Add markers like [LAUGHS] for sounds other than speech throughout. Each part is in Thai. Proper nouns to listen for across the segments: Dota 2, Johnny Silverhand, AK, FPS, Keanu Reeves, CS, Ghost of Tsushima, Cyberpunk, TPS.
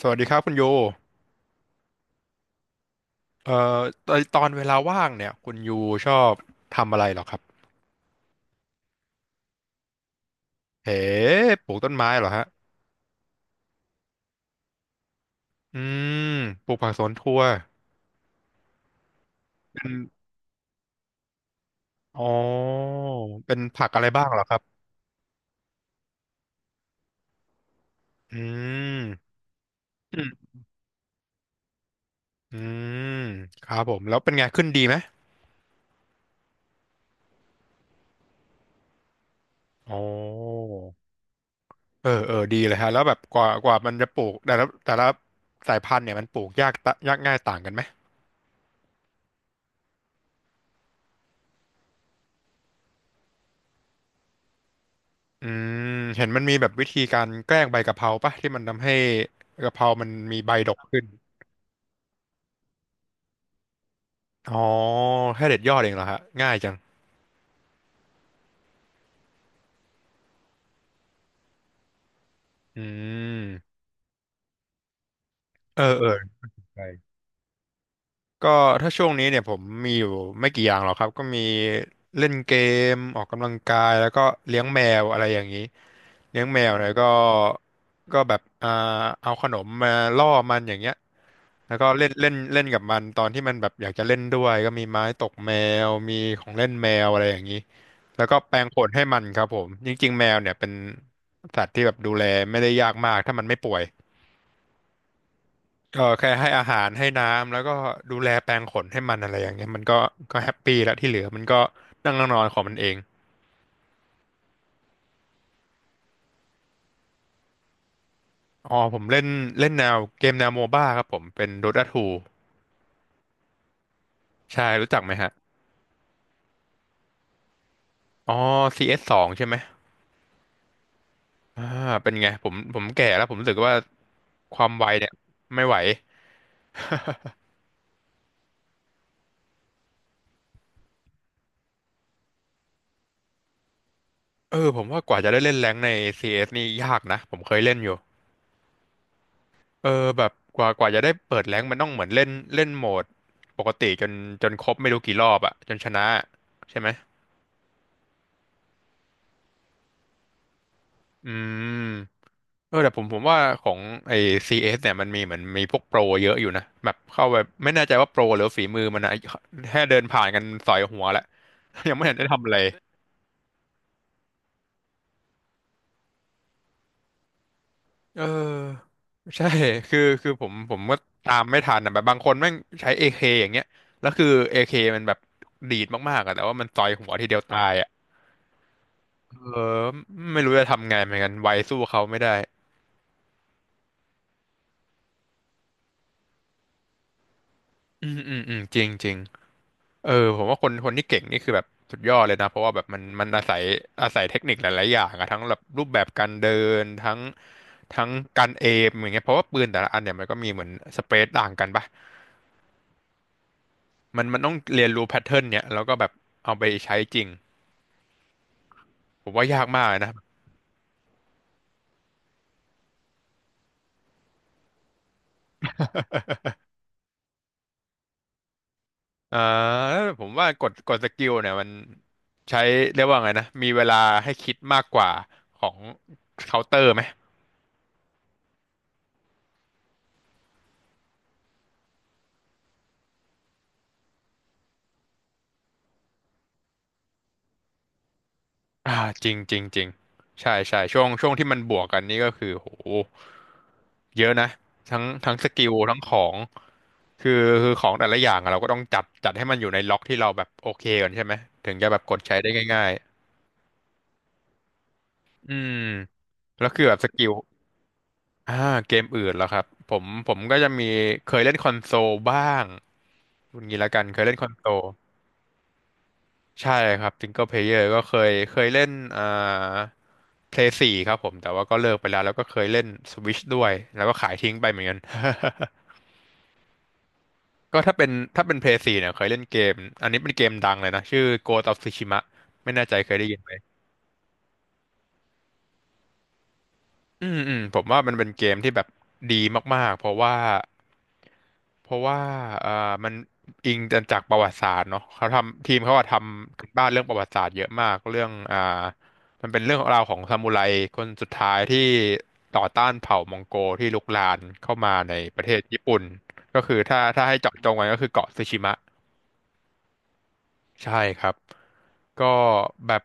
สวัสดีครับคุณยูเอ่อตอนเวลาว่างเนี่ยคุณยูชอบทำอะไรเหรอครับเอ๋ปลูกต้นไม้เหรอฮะอืมปลูกผักสวนครัวเป็นอ๋อเป็นผักอะไรบ้างเหรอครับอืมอืมอืมครับผม แล้วเป็นไงขึ้นดีไหมอ๋อเออเออดีเลยฮะแล้วแบบกว่ามันจะปลูก แต่ละสายพันธุ์เนี่ยมันปลูกยากง่ายต่างกันไหม อืมเห็นมันมีแบบวิธีการแกล้งใบกะเพราปะที่มันทำให้กะเพรามันมีใบดกขึ้น อ๋อแค่เด็ดยอดเองเหรอฮะง่ายจังอืมเออเออใช่ ก็ถ้าช่วงนี้เนี่ยผมมีอยู่ไม่กี่อย่างหรอกครับก็มีเล่นเกมออกกำลังกายแล้วก็เลี้ยงแมวอะไรอย่างนี้เลี้ยงแมวเนี่ยก็แบบเอาขนมมาล่อมันอย่างเงี้ยแล้วก็เล่นเล่นเล่นกับมันตอนที่มันแบบอยากจะเล่นด้วยก็มีไม้ตกแมวมีของเล่นแมวอะไรอย่างนี้แล้วก็แปรงขนให้มันครับผมจริงๆแมวเนี่ยเป็นสัตว์ที่แบบดูแลไม่ได้ยากมากถ้ามันไม่ป่วย เออแค่ให้อาหารให้น้ำแล้วก็ดูแลแปรงขนให้มันอะไรอย่างเงี้ยมันก็แฮปปี้แล้วที่เหลือมันก็นั่งนอนของมันเองอ๋อผมเล่นเล่นแนวเกมแนวโมบ้าครับผมเป็น Dota 2ใช่รู้จักไหมฮะอ๋อ CS สสองใช่ไหมอ่าเป็นไงผมแก่แล้วผมรู้สึกว่าความไวเนี่ยไม่ไหวเออผมว่ากว่าจะได้เล่นแรงค์ใน CS นี่ยากนะผมเคยเล่นอยู่เออแบบกว่าจะได้เปิดแรงค์มันต้องเหมือนเล่นเล่นโหมดปกติจนครบไม่รู้กี่รอบอะจนชนะใช่ไหม อืมเออแต่ผมว่าของไอ้ CS เอสเนี่ยมันมีเหมือนมีพวกโปรเยอะอยู่นะแบบเข้าไปไม่แน่ใจว่าโปรหรือฝีมือมันนะแค่เดินผ่านกันสอยหัวแล้ว [LAUGHS] ยังไม่เห็นได้ทำอะไรเออใช่คือผมก็ตามไม่ทันนะแบบบางคนแม่งใช้ AK อย่างเงี้ยแล้วคือ AK มันแบบดีดมากๆอะแต่ว่ามันต่อยหัวทีเดียวตายอะเออไม่รู้จะทำไงเหมือนกันไวสู้เขาไม่ได้อืมอืมอืมจริงจริง เออผมว่าคนคนที่เก่งนี่คือแบบสุดยอดเลยนะเพราะว่าแบบมันอาศัยเทคนิคหลายๆอย่างอะทั้งแบบรูปแบบการเดินทั้งการเอมอย่างเงี้ยเพราะว่าปืนแต่ละอันเนี่ยมันก็มีเหมือนสเปซต่างกันปะมันต้องเรียนรู้แพทเทิร์นเนี่ยแล้วก็แบบเอาไปใช้จริงผมว่ายากมากเลยนะอ่าแล้วผมว่ากดสกิลเนี่ยมันใช้เรียกว่าไงนะมีเวลาให้คิดมากกว่าของเคาน์เตอร์ไหม อ่าจริงจริงจริงใช่ใช่ช่วงที่มันบวกกันนี่ก็คือโหเยอะนะทั้งสกิลทั้งของคือคือของแต่ละอย่างอะเราก็ต้องจัดให้มันอยู่ในล็อกที่เราแบบโอเคก่อนใช่ไหมถึงจะแบบกดใช้ได้ง่ายๆอืมแล้วคือแบบสกิลอ่าเกมอื่นแล้วครับผมก็จะมีเคยเล่นคอนโซลบ้างคุณงี้ละกันเคยเล่นคอนโซล ใช่ครับซิงเกิลเพลเยอร์ก็เคยเล่นอ่าเพลย์สี่ครับผม แต่ว่าก็เลิกไปแล้วแล้วก็เคยเล่นสวิชด้วย แล้วก็ขายทิ้งไปเหมือนกัน [LAUGHS] ก็ถ้าเป็นเพลย์สี่เนี่ยเคยเล่นเกม อันนี้เป็นเกมดังเลยนะ ชื่อ Ghost of Tsushima ไม่แน่ใจเคยได้ยินไหม อืมอืมผมว่ามันเป็นเกมที่แบบดีมากๆเพราะว่าเอ่อมันอิงจากประวัติศาสตร์เนาะเขาทำทีมเขาอะทำกันบ้านเรื่องประวัติศาสตร์เยอะมากเรื่องมันเป็นเรื่องราวของซามูไรคนสุดท้ายที่ต่อต้านเผ่ามองโกที่ลุกลานเข้ามาในประเทศญี่ปุ่นก็คือถ้าให้เจาะจงกันก็คือเกาะสึชิมะ ใช่ครับ ก็แบบ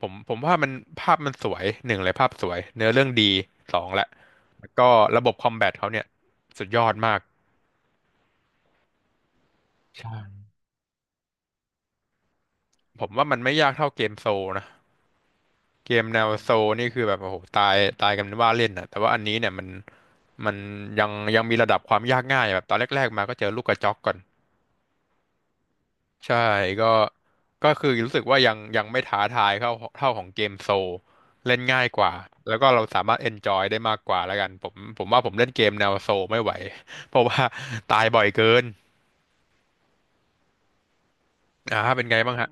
ผมว่ามันภาพมันสวยหนึ่งเลยภาพสวยเนื้อเรื่องดีสองแหละแล้วก็ระบบคอมแบทเขาเนี่ยสุดยอดมากใช่ผมว่ามันไม่ยากเท่าเกมโซลนะเกมแนวโซลนี่คือแบบโอ้โหตายกันเป็นว่าเล่นนะแต่ว่าอันนี้เนี่ยมันยังยังมีระดับความยากง่ายแบบตอนแรกๆมาก็เจอลูกกระจอกก่อน ใช่ก็ก็คือรู้สึกว่ายังไม่ท้าทายเท่าของเกมโซลเล่นง่ายกว่าแล้วก็เราสามารถเอนจอยได้มากกว่าแล้วกันผมว่าผมเล่นเกมแนวโซลไม่ไหว [LAUGHS] เพราะว่าตายบ่อยเกินอ่าเป็นไงบ้างฮะ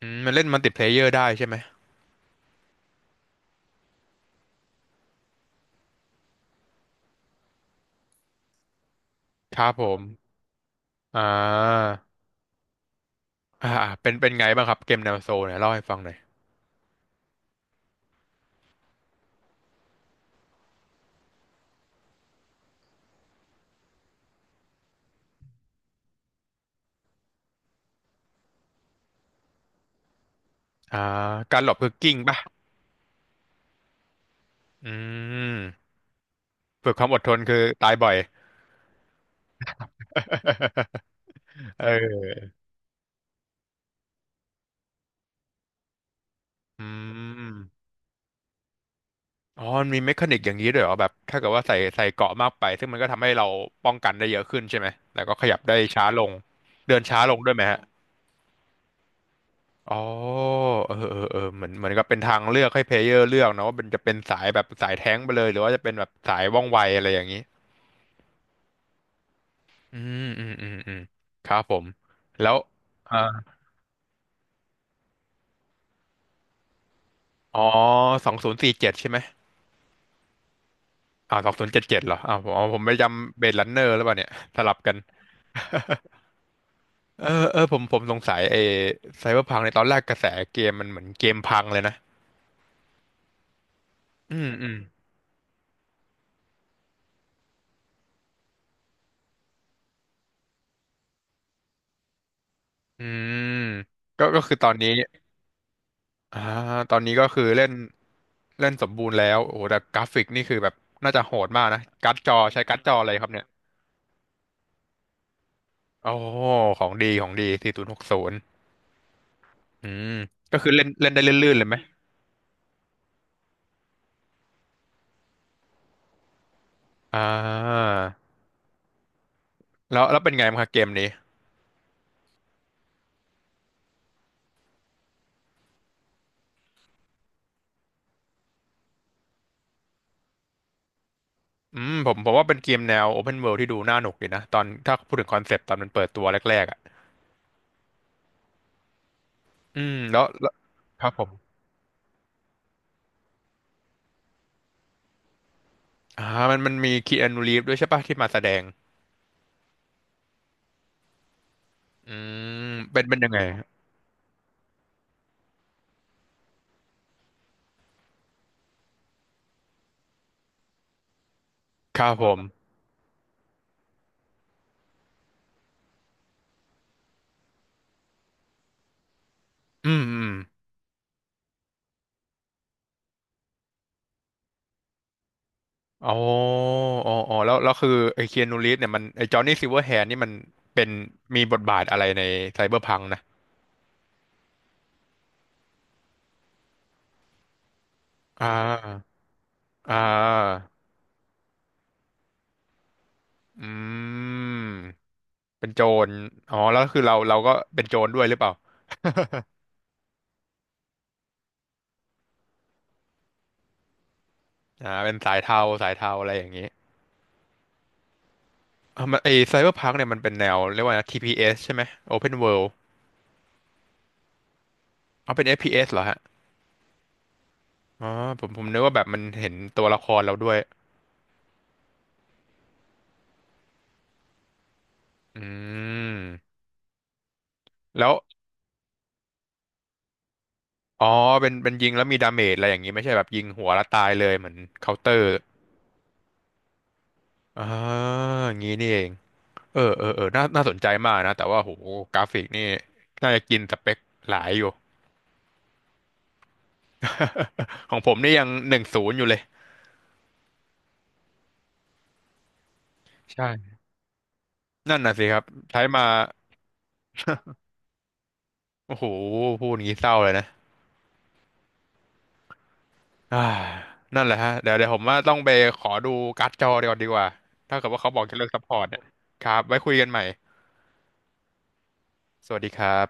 อืมมันเล่นมัลติเพลเยอร์ได้ใช่ไหมครับผมอ่าอ่าเป็นไงบ้างครับเกมแนวโซลเนี่ยเล่าให้ฟังหน่อยอ่าการหลบคือกิ้งป่ะอืมฝึกความอดทนคือตายบ่อย [LAUGHS] เอออืม อ๋อมันมีเมคานิกอย่างนี้ด้วยเหรอแบบถ้าเกิดว่าใส่เกราะมากไปซึ่งมันก็ทำให้เราป้องกันได้เยอะขึ้นใช่ไหมแล้วก็ขยับได้ช้าลง เดินช้าลงด้วยไหมฮะอ๋อเออเหมือนกับเป็นทางเลือกให้เพลเยอร์เลือกนะว่าเป็นจะเป็นสายแบบสายแท้งไปเลยหรือว่าจะเป็นแบบสายว่องไวอะไรอย่างนี้อืมครับผม แล้วอ่าอ๋อ2047ใช่ไหมอ่า2077เหรออ่าผมอ๋อผมไปจำเบลดรันเนอร์หรือเปล่าเนี่ย สลับกัน เออผมสงสัยไอ้ไซเบอร์พังในตอนแรกกระแสเกมมันเหมือนเกมพังเลยนะอืมอืมอืมก็คือตอนนี้อ่าตอนนี้ก็คือเล่นเล่นสมบูรณ์แล้วโอ้โหแต่กราฟิกนี่คือแบบน่าจะโหดมากนะการ์ดจอใช้การ์ดจออะไรครับเนี่ยโอ้โหของดีของดี4060อืมก็คือเล่นเล่นได้ลื่นๆเลยไหมอ่าแล้วเป็นไงบ้างครับเกมนี้อืมผมว่าเป็นเกมแนว Open World ที่ดูน่าหนุกดีนะตอนถ้าพูดถึงคอนเซปต์ตอนมันเปิดตัวแรกๆอะ อืมแล้วครับผมอ่ามันมีคีอานูรีฟด้วยใช่ปะที่มาแสดงอืมเป็นยังไงครับผมอืมอืมอ๋ออ๋อแล้วคือไอ้คีอานูรีฟเนี่ยมันไอ้จอห์นนี่ซิลเวอร์แฮนด์นี่มันเป็นมีบทบาทอะไรในไซเบอร์พังนะอ่าอ่าอืมเป็นโจรอ๋อแล้วคือเราก็เป็นโจรด้วยหรือเปล่าอ่าเป็นสายเทาสายเทาอะไรอย่างนี้อ่ามันไอ้ไซเบอร์พังเนี่ยมันเป็นแนวเรียกว่านะ TPS ใช่ไหม Open World เอาเป็น FPS เอสเหรอฮะ อ๋อผมนึกว่าแบบมันเห็นตัวละครเราด้วยอืมแล้วอ๋อเป็นยิงแล้วมีดาเมจอะไรอย่างนี้ไม่ใช่แบบยิงหัวแล้วตายเลยเหมือนเคาน์เตอร์อ่าอย่างนี้นี่เองเออน่าน่าสนใจมากนะแต่ว่าโหกราฟิกนี่น่าจะกินสเปคหลายอยู่ [LAUGHS] ของผมนี่ยัง10อยู่เลยใช่นั่นน่ะสิครับใช้มาโอ้โหพูดอย่างนี้เศร้าเลยนะ อ่านั่นแหละฮะเดี๋ยวผมว่าต้องไปขอดูการ์ดจอเดี๋ยวกอดีกว่าถ้าเกิดว่าเขาบอกจะเลิกซัพพอร์ตเนี่ยครับไว้คุยกันใหม่สวัสดีครับ